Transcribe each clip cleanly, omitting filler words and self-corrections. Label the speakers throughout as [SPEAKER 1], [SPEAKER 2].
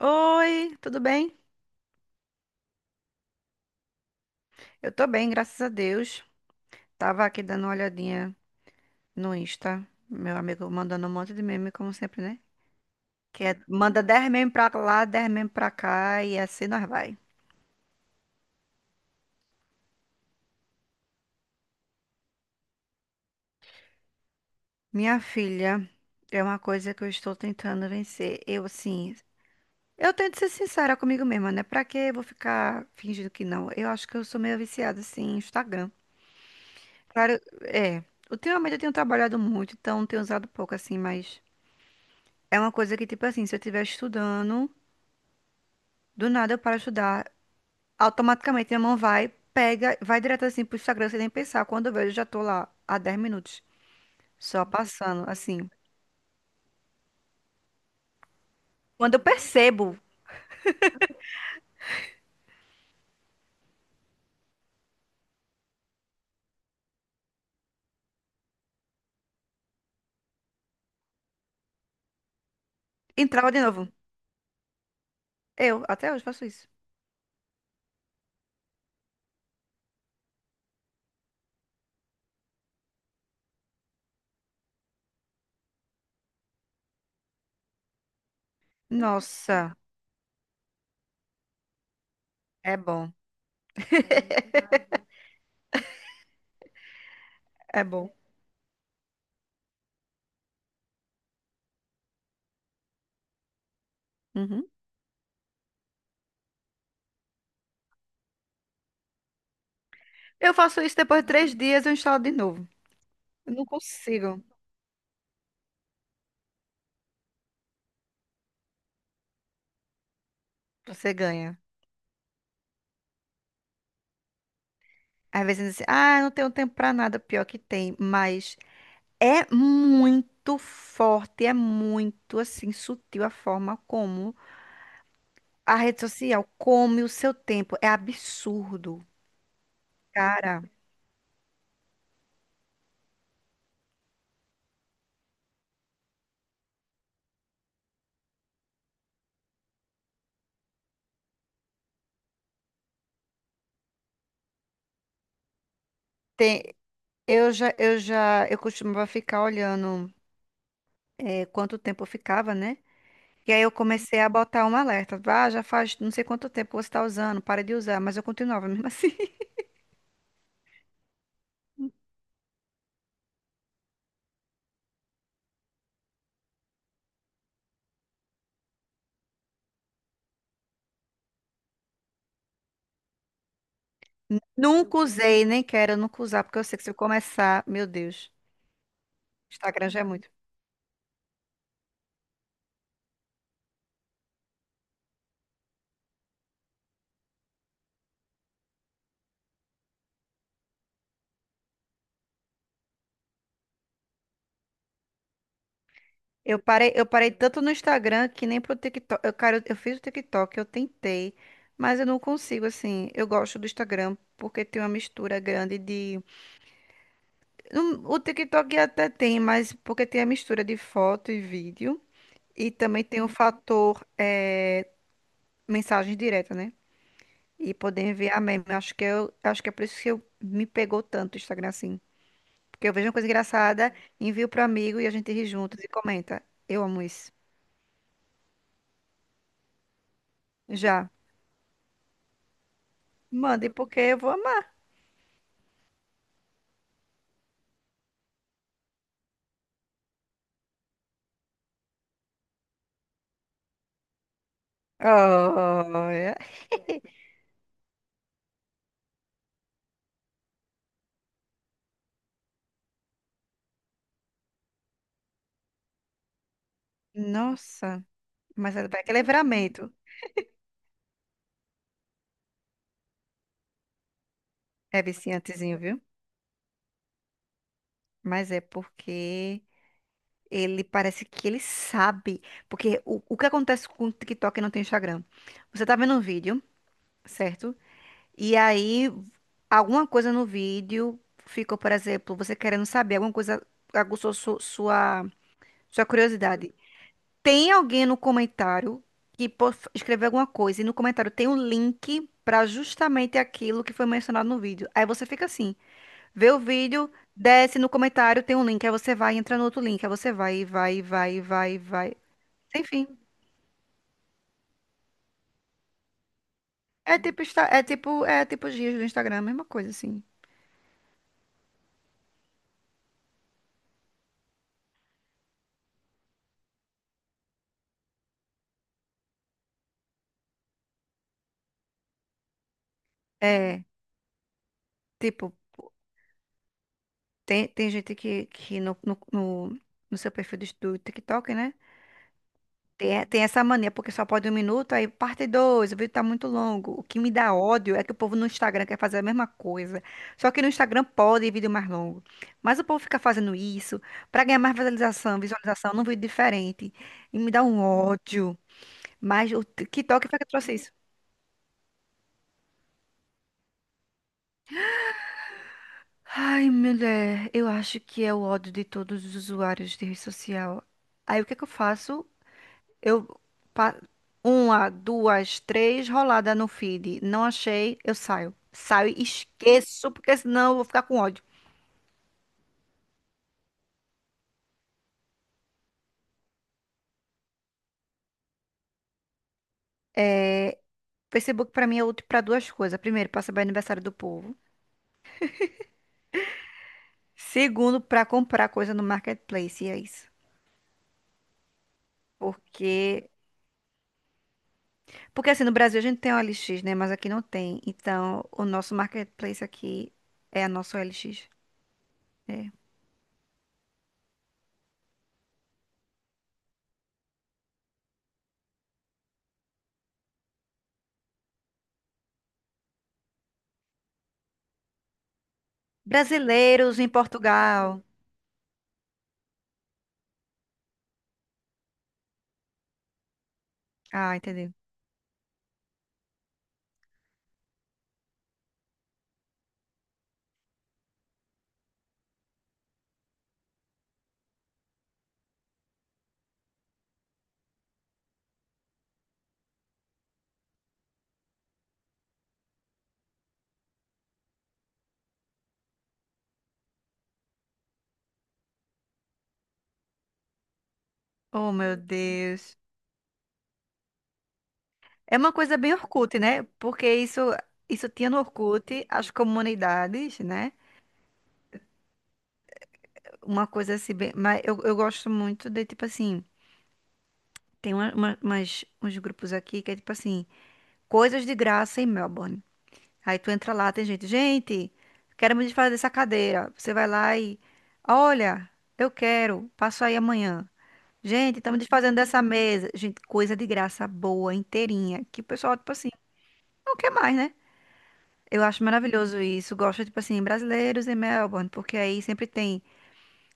[SPEAKER 1] Oi, tudo bem? Eu tô bem, graças a Deus. Tava aqui dando uma olhadinha no Insta, meu amigo mandando um monte de meme, como sempre, né? Que é, manda 10 meme pra lá, 10 meme pra cá e assim nós vai. Minha filha, é uma coisa que eu estou tentando vencer. Eu, assim, eu tento ser sincera comigo mesma, né? Pra que eu vou ficar fingindo que não? Eu acho que eu sou meio viciada, assim, em Instagram. Claro, é. Ultimamente eu tenho trabalhado muito, então tenho usado pouco, assim, mas é uma coisa que, tipo assim, se eu estiver estudando, do nada eu paro de estudar, automaticamente minha mão vai, pega, vai direto assim pro Instagram sem nem pensar. Quando eu vejo, eu já tô lá há 10 minutos, só passando, assim. Quando eu percebo, entrava de novo. Eu, até hoje, faço isso. Nossa, é bom, é bom. Uhum. Eu faço isso depois de 3 dias, eu instalo de novo. Eu não consigo. Você ganha. Às vezes, assim, ah, eu não tenho tempo pra nada. Pior que tem, mas é muito forte, é muito assim sutil a forma como a rede social come o seu tempo. É absurdo, cara. Tem, eu já, eu costumava ficar olhando é, quanto tempo eu ficava, né? E aí eu comecei a botar um alerta. Ah, já faz não sei quanto tempo você está usando, para de usar. Mas eu continuava mesmo assim. Nunca usei, nem quero nunca usar, porque eu sei que se eu começar, meu Deus, Instagram já é muito. Eu parei tanto no Instagram que nem pro TikTok. Eu, cara, eu fiz o TikTok, eu tentei, mas eu não consigo, assim. Eu gosto do Instagram porque tem uma mistura grande de. O TikTok até tem, mas porque tem a mistura de foto e vídeo. E também tem o fator mensagem direta, né? E poder enviar meme. Acho que eu, acho que é por isso que eu, me pegou tanto o Instagram assim. Porque eu vejo uma coisa engraçada, envio pro amigo e a gente ri juntos e comenta. Eu amo isso. Já. Mande, porque eu vou. Olha. Nossa, mas é que Livramento é viciantezinho, viu? Mas é porque ele parece que ele sabe. Porque o que acontece com o TikTok e não tem Instagram? Você tá vendo um vídeo, certo? E aí, alguma coisa no vídeo ficou, por exemplo, você querendo saber, alguma coisa aguçou sua curiosidade. Tem alguém no comentário que possa escrever alguma coisa e no comentário tem um link para justamente aquilo que foi mencionado no vídeo. Aí você fica assim, vê o vídeo, desce no comentário, tem um link, aí você vai, entra no outro link, aí você vai, e vai, e vai, e vai, e vai. Enfim, é tipo, é tipo, é tipo os dias do Instagram, a mesma coisa assim. É, tipo, tem, tem gente que no, no seu perfil do do TikTok, né? Tem, tem essa mania, porque só pode um minuto, aí parte dois, o vídeo tá muito longo. O que me dá ódio é que o povo no Instagram quer fazer a mesma coisa. Só que no Instagram pode vídeo mais longo. Mas o povo fica fazendo isso pra ganhar mais visualização, visualização num vídeo diferente. E me dá um ódio. Mas o TikTok foi que trouxe isso. Ai, mulher, eu acho que é o ódio de todos os usuários de rede social. Aí o que é que eu faço? Eu pa- uma, duas, três rolada no feed. Não achei, eu saio. Saio e esqueço, porque senão eu vou ficar com ódio. Facebook pra mim é útil pra duas coisas. Primeiro, pra saber aniversário do povo. Segundo, pra comprar coisa no marketplace, e é isso. Porque porque assim no Brasil a gente tem o OLX, né, mas aqui não tem. Então, o nosso marketplace aqui é a nossa OLX. É. Brasileiros em Portugal. Ah, entendi. Oh, meu Deus. É uma coisa bem Orkut, né? Porque isso tinha no Orkut, as comunidades, né? Uma coisa assim, bem... mas eu gosto muito de, tipo assim, tem uns grupos aqui que é tipo assim, coisas de graça em Melbourne. Aí tu entra lá, tem gente, gente, quero me desfazer dessa cadeira. Você vai lá e, olha, eu quero, passo aí amanhã. Gente, estamos desfazendo dessa mesa. Gente, coisa de graça boa, inteirinha, que o pessoal, tipo assim, não quer mais, né? Eu acho maravilhoso isso. Gosto, tipo assim, brasileiros em Melbourne, porque aí sempre tem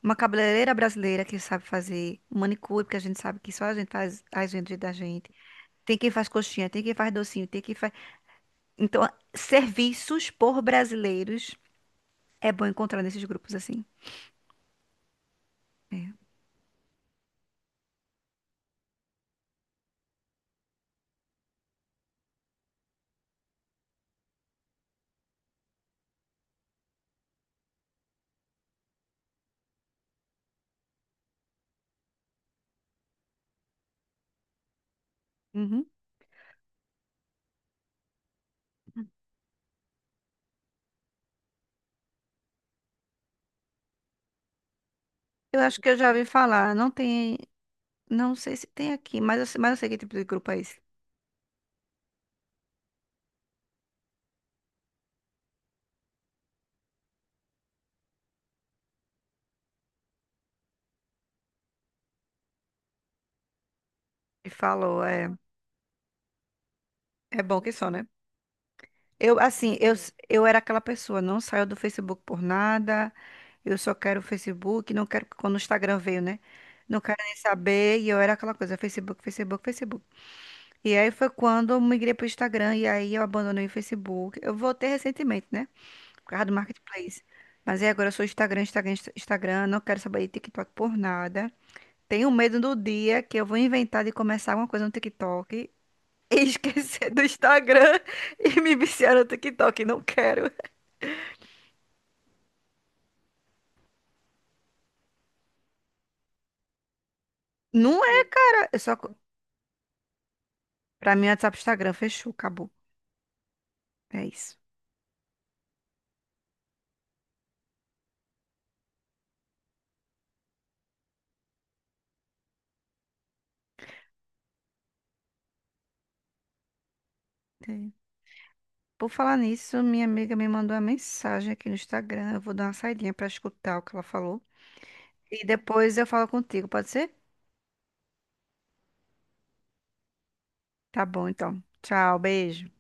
[SPEAKER 1] uma cabeleireira brasileira que sabe fazer manicure, porque a gente sabe que só a gente faz as vendas da gente. Tem quem faz coxinha, tem quem faz docinho, tem quem faz. Então, serviços por brasileiros é bom encontrar nesses grupos assim. É. Uhum. Eu acho que eu já ouvi falar. Não tem. Não sei se tem aqui, mas eu sei que tipo de grupo é esse. E falou, é, é bom que só, né? Eu, assim, eu era aquela pessoa, não saio do Facebook por nada, eu só quero o Facebook, não quero, quando o Instagram veio, né? Não quero nem saber, e eu era aquela coisa, Facebook, Facebook, Facebook. E aí foi quando eu migrei pro Instagram, e aí eu abandonei o Facebook. Eu voltei recentemente, né? Por causa do Marketplace. Mas aí agora eu sou Instagram, Instagram, Instagram, não quero saber de TikTok por nada. Tenho medo do dia que eu vou inventar de começar alguma coisa no TikTok e esquecer do Instagram e me viciar no TikTok. Não quero. Não é, cara. Eu só... Pra mim, WhatsApp, Instagram, fechou, acabou. É isso. É. Por falar nisso, minha amiga me mandou uma mensagem aqui no Instagram. Eu vou dar uma saidinha pra escutar o que ela falou. E depois eu falo contigo, pode ser? Tá bom, então. Tchau, beijo.